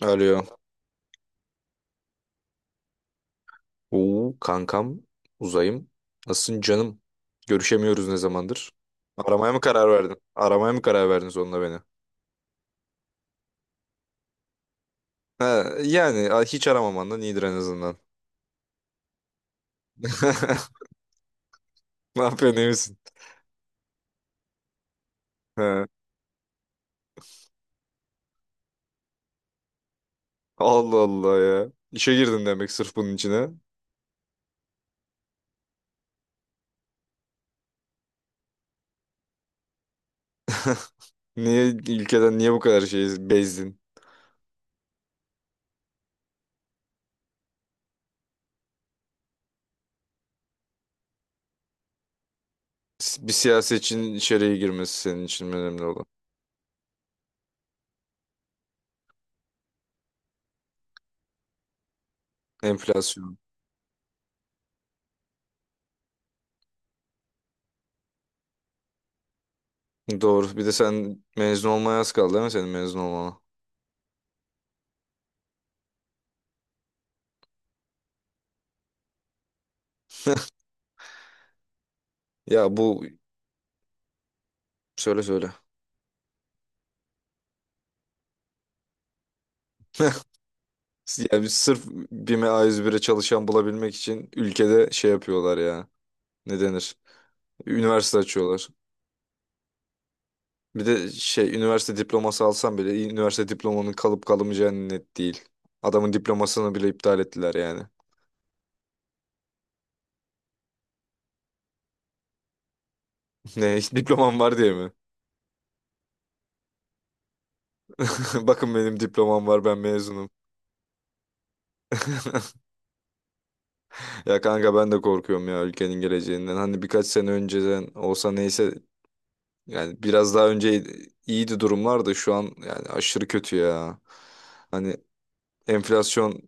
Alo. Oo, kankam, uzayım. Nasılsın canım? Görüşemiyoruz ne zamandır? Aramaya mı karar verdin? Aramaya mı karar verdin sonunda beni? Ha, yani hiç aramamandan iyidir en azından. Ne yapıyorsun, iyi misin? Ha, Allah Allah ya. İşe girdin demek sırf bunun içine. Niye ülkeden niye bu kadar şey bezdin? Bir siyasetçinin içeriye girmesi senin için önemli olan. Enflasyon. Doğru. Bir de sen mezun olmaya az kaldı değil mi, senin mezun olmana? Ya bu, söyle söyle. Yani biz sırf BİM'e A101'e çalışan bulabilmek için ülkede şey yapıyorlar ya. Ne denir? Üniversite açıyorlar. Bir de şey üniversite diploması alsam bile üniversite diplomanın kalıp kalamayacağı net değil. Adamın diplomasını bile iptal ettiler yani. Ne, hiç diplomam var diye mi? Bakın benim diplomam var, ben mezunum. Ya kanka, ben de korkuyorum ya ülkenin geleceğinden. Hani birkaç sene önceden olsa neyse, yani biraz daha önce iyiydi durumlar da şu an yani aşırı kötü ya. Hani enflasyon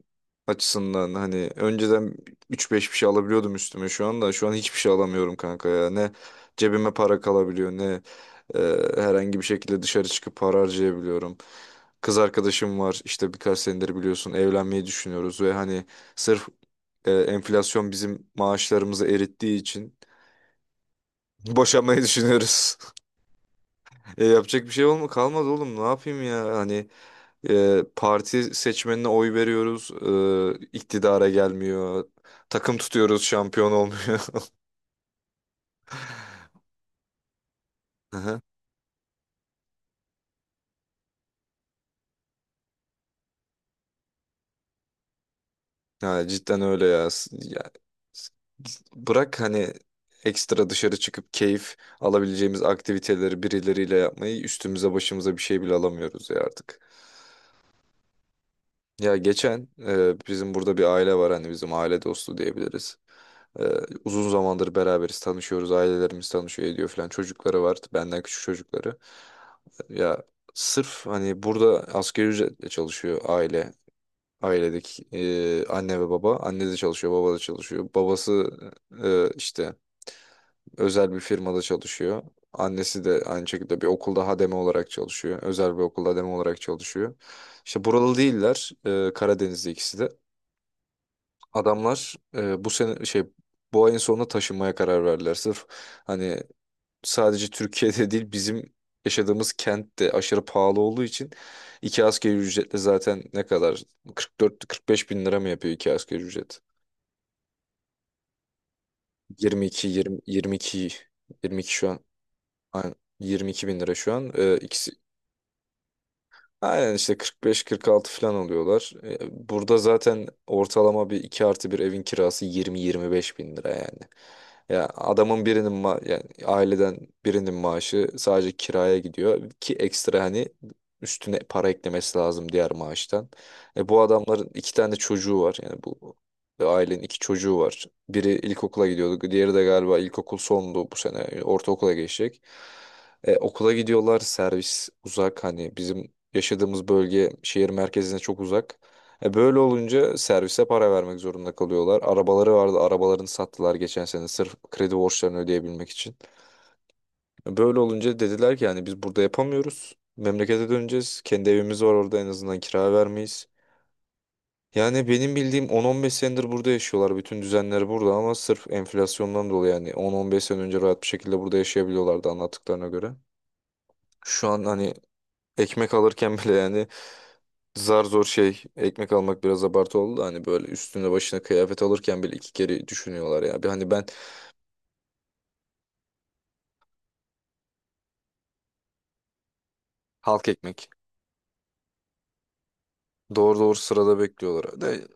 açısından hani önceden üç beş bir şey alabiliyordum üstüme, şu anda şu an hiçbir şey alamıyorum kanka ya, ne cebime para kalabiliyor, ne e, herhangi bir şekilde dışarı çıkıp para harcayabiliyorum. Kız arkadaşım var, işte birkaç senedir biliyorsun, evlenmeyi düşünüyoruz ve hani sırf enflasyon bizim maaşlarımızı erittiği için boşanmayı düşünüyoruz. Yapacak bir şey olma kalmadı oğlum, ne yapayım ya hani, parti seçmenine oy veriyoruz. İktidara gelmiyor. Takım tutuyoruz, şampiyon olmuyor. Aha. Ha, cidden öyle ya. Ya. s- Bırak hani ekstra dışarı çıkıp keyif alabileceğimiz aktiviteleri birileriyle yapmayı, üstümüze başımıza bir şey bile alamıyoruz ya artık. Ya geçen bizim burada bir aile var, hani bizim aile dostu diyebiliriz. Ee, Uzun zamandır beraberiz, tanışıyoruz, ailelerimiz tanışıyor ediyor falan. Çocukları var, benden küçük çocukları. Ya sırf hani burada asgari ücretle çalışıyor aile. Ailedeki anne ve baba. Anne de çalışıyor, baba da çalışıyor. Babası işte özel bir firmada çalışıyor. Annesi de aynı şekilde bir okulda hademe olarak çalışıyor. Özel bir okulda hademe olarak çalışıyor. İşte buralı değiller. Karadenizli ikisi de. Adamlar bu sene şey bu ayın sonunda taşınmaya karar verdiler. Sırf hani sadece Türkiye'de değil, bizim yaşadığımız kent de aşırı pahalı olduğu için iki asgari ücretle zaten ne kadar, 44-45 bin lira mı yapıyor iki asgari ücret? 22 20, 22 22 şu an, aynen, 22 bin lira şu an. İkisi Aynen, işte 45-46 falan alıyorlar. Burada zaten ortalama bir 2 artı bir evin kirası 20-25 bin lira yani. Ya adamın birinin yani aileden birinin maaşı sadece kiraya gidiyor, ki ekstra hani üstüne para eklemesi lazım diğer maaştan. E bu adamların iki tane çocuğu var, yani bu ailenin iki çocuğu var. Biri ilkokula gidiyordu, diğeri de galiba ilkokul sondu, bu sene ortaokula geçecek. Okula gidiyorlar, servis uzak, hani bizim yaşadığımız bölge şehir merkezine çok uzak. E böyle olunca servise para vermek zorunda kalıyorlar. Arabaları vardı, arabalarını sattılar geçen sene sırf kredi borçlarını ödeyebilmek için. E böyle olunca dediler ki yani biz burada yapamıyoruz. Memlekete döneceğiz. Kendi evimiz var orada, en azından kira vermeyiz. Yani benim bildiğim 10-15 senedir burada yaşıyorlar. Bütün düzenleri burada, ama sırf enflasyondan dolayı yani 10-15 sene önce rahat bir şekilde burada yaşayabiliyorlardı anlattıklarına göre. Şu an hani ekmek alırken bile yani, zar zor şey ekmek almak biraz abartı oldu da, hani böyle üstüne başına kıyafet alırken bile iki kere düşünüyorlar ya. Bir hani ben halk ekmek, doğru doğru sırada bekliyorlar. De,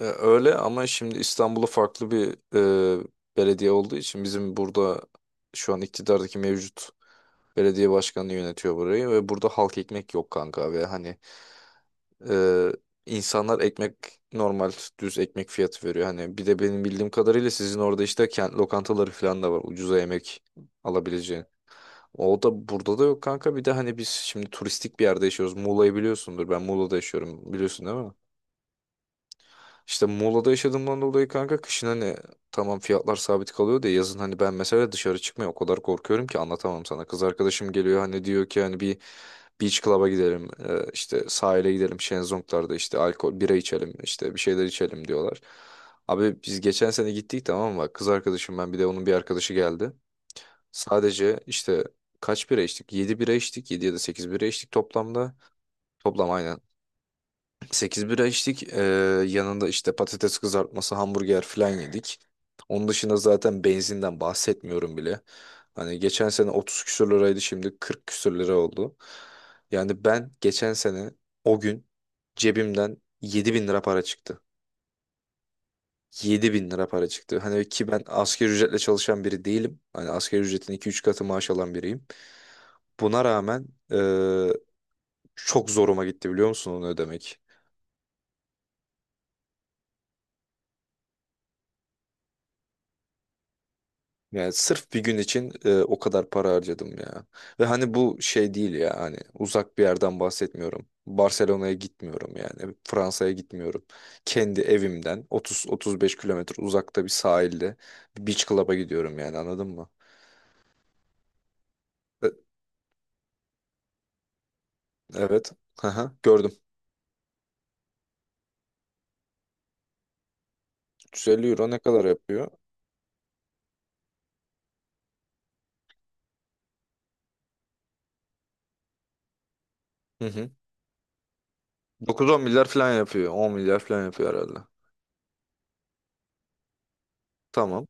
öyle ama şimdi İstanbul'da farklı bir e, belediye olduğu için, bizim burada şu an iktidardaki mevcut belediye başkanı yönetiyor burayı ve burada halk ekmek yok kanka ve hani, Ee, insanlar ekmek normal düz ekmek fiyatı veriyor. Hani bir de benim bildiğim kadarıyla sizin orada işte kent lokantaları falan da var, ucuza yemek alabileceğin. O da burada da yok kanka. Bir de hani biz şimdi turistik bir yerde yaşıyoruz. Muğla'yı biliyorsundur. Ben Muğla'da yaşıyorum. Biliyorsun değil mi? İşte Muğla'da yaşadığımdan dolayı kanka kışın hani tamam fiyatlar sabit kalıyor da, yazın hani ben mesela dışarı çıkmaya o kadar korkuyorum ki anlatamam sana. Kız arkadaşım geliyor, hani diyor ki hani bir beach club'a gidelim, işte sahile gidelim, şezlonglarda işte alkol bira içelim, işte bir şeyler içelim diyorlar. Abi biz geçen sene gittik tamam mı? Kız arkadaşım, ben, bir de onun bir arkadaşı geldi. Sadece işte kaç bira içtik? 7 bira içtik, 7 ya da 8 bira içtik toplamda. Toplam aynen. 8 bira içtik. Yanında işte patates kızartması, hamburger falan yedik. Onun dışında zaten benzinden bahsetmiyorum bile. Hani geçen sene 30 küsür liraydı, şimdi 40 küsür lira oldu. Yani ben geçen sene o gün cebimden 7 bin lira para çıktı. 7 bin lira para çıktı. Hani ki ben asgari ücretle çalışan biri değilim. Hani asgari ücretin 2-3 katı maaş alan biriyim. Buna rağmen çok zoruma gitti biliyor musun onu ödemek? Yani sırf bir gün için o kadar para harcadım ya. Ve hani bu şey değil ya, hani uzak bir yerden bahsetmiyorum. Barcelona'ya gitmiyorum yani. Fransa'ya gitmiyorum. Kendi evimden 30-35 kilometre uzakta bir sahilde bir beach club'a gidiyorum yani, anladın mı? E, evet. Aha, gördüm. 350 euro ne kadar yapıyor? Hı hı. 9-10 milyar falan yapıyor. 10 milyar falan yapıyor herhalde. Tamam.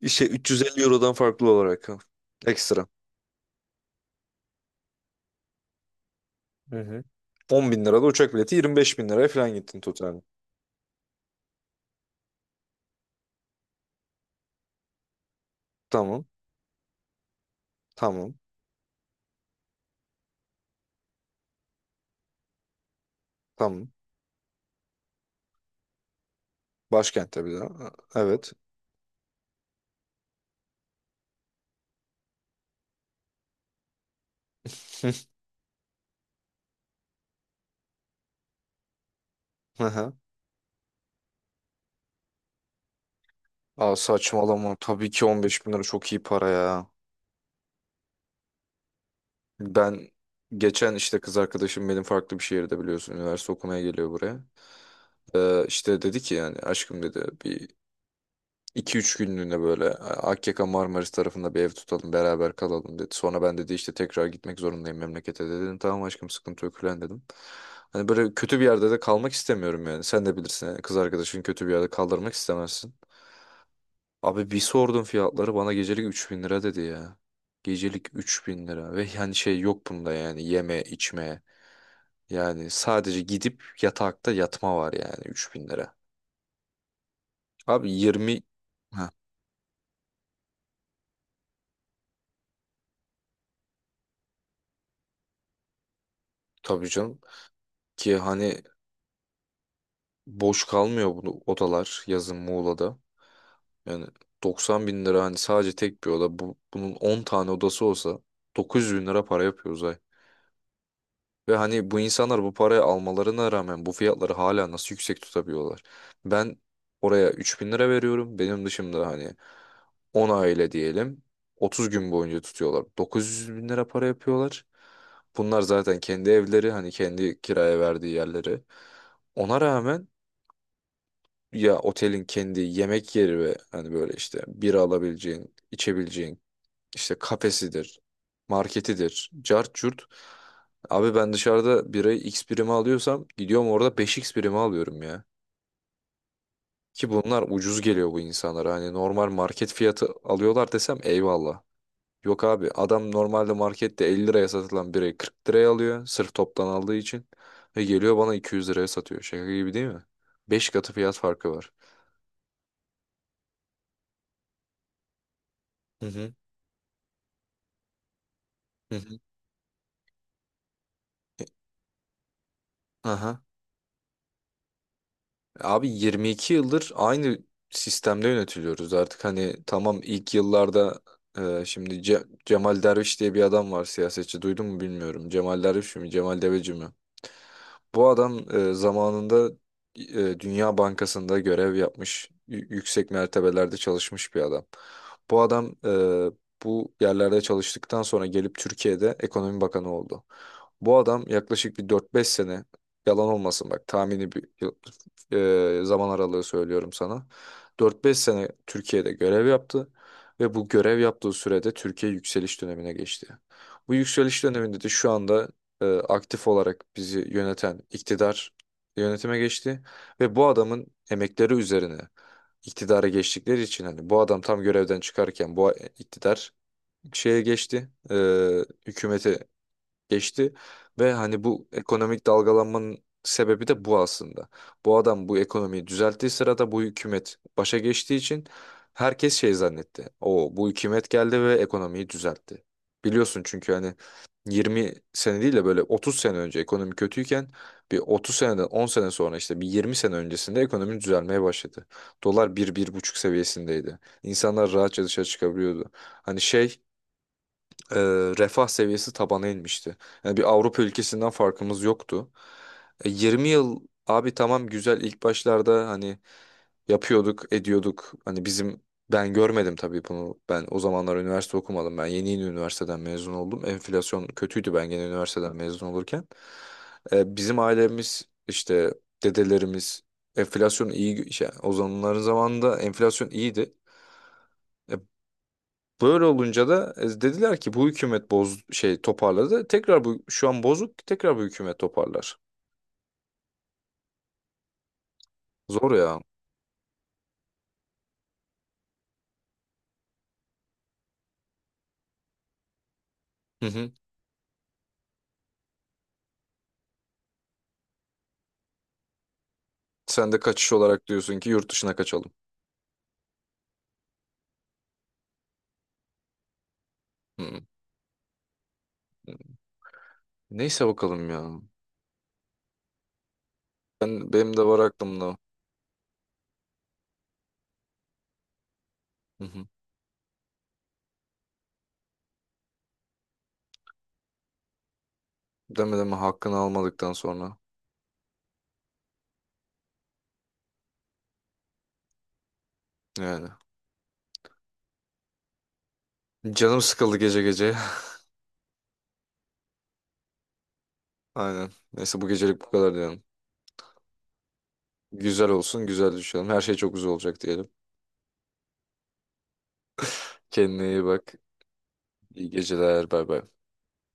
İşte 350 eurodan farklı olarak ha. Ekstra. Hı hı. 10 bin lirada uçak bileti 25 bin liraya falan gittin totalde. Tamam. Tamam. Tamam. Başkentte bir daha. Evet. Aha. Aa, saçmalama. Tabii ki 15 bin lira çok iyi para ya. Ben geçen işte kız arkadaşım benim farklı bir şehirde biliyorsun. Üniversite okumaya geliyor buraya. İşte dedi ki yani aşkım dedi, bir 2 üç günlüğüne böyle Akyaka Marmaris tarafında bir ev tutalım beraber kalalım dedi. Sonra, ben dedi, işte tekrar gitmek zorundayım memlekete dedi. Dedim tamam aşkım, sıkıntı yok falan dedim. Hani böyle kötü bir yerde de kalmak istemiyorum yani. Sen de bilirsin yani kız arkadaşın kötü bir yerde kaldırmak istemezsin. Abi bir sordum fiyatları, bana gecelik 3 bin lira dedi ya. Gecelik üç bin lira ve yani şey yok bunda yani yeme içme. Yani sadece gidip yatakta yatma var yani 3 bin lira. Abi 20 ha tabii canım ki hani boş kalmıyor bu odalar yazın Muğla'da. Yani 90 bin lira hani sadece tek bir oda. Bu, bunun 10 tane odası olsa 900 bin lira para yapıyor Uzay. Ve hani bu insanlar bu parayı almalarına rağmen bu fiyatları hala nasıl yüksek tutabiliyorlar? Ben oraya 3 bin lira veriyorum. Benim dışımda hani 10 aile diyelim 30 gün boyunca tutuyorlar, 900 bin lira para yapıyorlar. Bunlar zaten kendi evleri, hani kendi kiraya verdiği yerleri. Ona rağmen ya otelin kendi yemek yeri ve hani böyle işte bira alabileceğin, içebileceğin işte kafesidir, marketidir, cart curt. Abi ben dışarıda birayı X birime alıyorsam, gidiyorum orada beş x birime alıyorum ya. Ki bunlar ucuz geliyor bu insanlara. Hani normal market fiyatı alıyorlar desem eyvallah. Yok abi, adam normalde markette 50 liraya satılan birayı 40 liraya alıyor. Sırf toptan aldığı için. Ve geliyor bana 200 liraya satıyor. Şaka gibi değil mi? 5 katı fiyat farkı var. Hı hı. Hı hı. Aha. Abi 22 yıldır aynı sistemde yönetiliyoruz artık hani, tamam ilk yıllarda şimdi Cemal Derviş diye bir adam var, siyasetçi, duydun mu bilmiyorum. Cemal Derviş mi Cemal Deveci mi? Bu adam zamanında Dünya Bankası'nda görev yapmış, yüksek mertebelerde çalışmış bir adam. Bu adam bu yerlerde çalıştıktan sonra gelip Türkiye'de Ekonomi Bakanı oldu. Bu adam yaklaşık bir 4-5 sene, yalan olmasın bak, tahmini bir zaman aralığı söylüyorum sana. 4-5 sene Türkiye'de görev yaptı ve bu görev yaptığı sürede Türkiye yükseliş dönemine geçti. Bu yükseliş döneminde de şu anda aktif olarak bizi yöneten iktidar yönetime geçti ve bu adamın emekleri üzerine iktidara geçtikleri için hani bu adam tam görevden çıkarken bu iktidar şeye geçti, hükümete geçti ve hani bu ekonomik dalgalanmanın sebebi de bu aslında. Bu adam bu ekonomiyi düzelttiği sırada bu hükümet başa geçtiği için herkes şey zannetti. O, bu hükümet geldi ve ekonomiyi düzeltti. Biliyorsun çünkü hani 20 sene değil de böyle 30 sene önce ekonomi kötüyken, bir 30 seneden 10 sene sonra işte bir 20 sene öncesinde ekonomi düzelmeye başladı. Dolar bir bir buçuk seviyesindeydi. İnsanlar rahatça dışarı çıkabiliyordu. Hani şey e, refah seviyesi tabana inmişti. Yani bir Avrupa ülkesinden farkımız yoktu. 20 yıl abi, tamam güzel, ilk başlarda hani yapıyorduk, ediyorduk. Hani bizim, ben görmedim tabii bunu. Ben o zamanlar üniversite okumadım. Ben yeni yeni üniversiteden mezun oldum. Enflasyon kötüydü, ben gene üniversiteden mezun olurken. Bizim ailemiz işte dedelerimiz enflasyon iyi şey, o zamanların zamanında enflasyon iyiydi. E, Böyle olunca da dediler ki bu hükümet boz şey toparladı. Tekrar bu şu an bozuk, tekrar bu hükümet toparlar. Zor ya. Hı hı. Sen de kaçış olarak diyorsun ki yurt dışına kaçalım. Hı hı. Neyse bakalım ya. Ben, benim de var aklımda. Hı hı. Deme, deme hakkını almadıktan sonra. Yani. Canım sıkıldı gece gece. Aynen. Neyse bu gecelik bu kadar diyelim. Güzel olsun, güzel düşelim. Her şey çok güzel olacak diyelim. Kendine iyi bak. İyi geceler. Bay bay.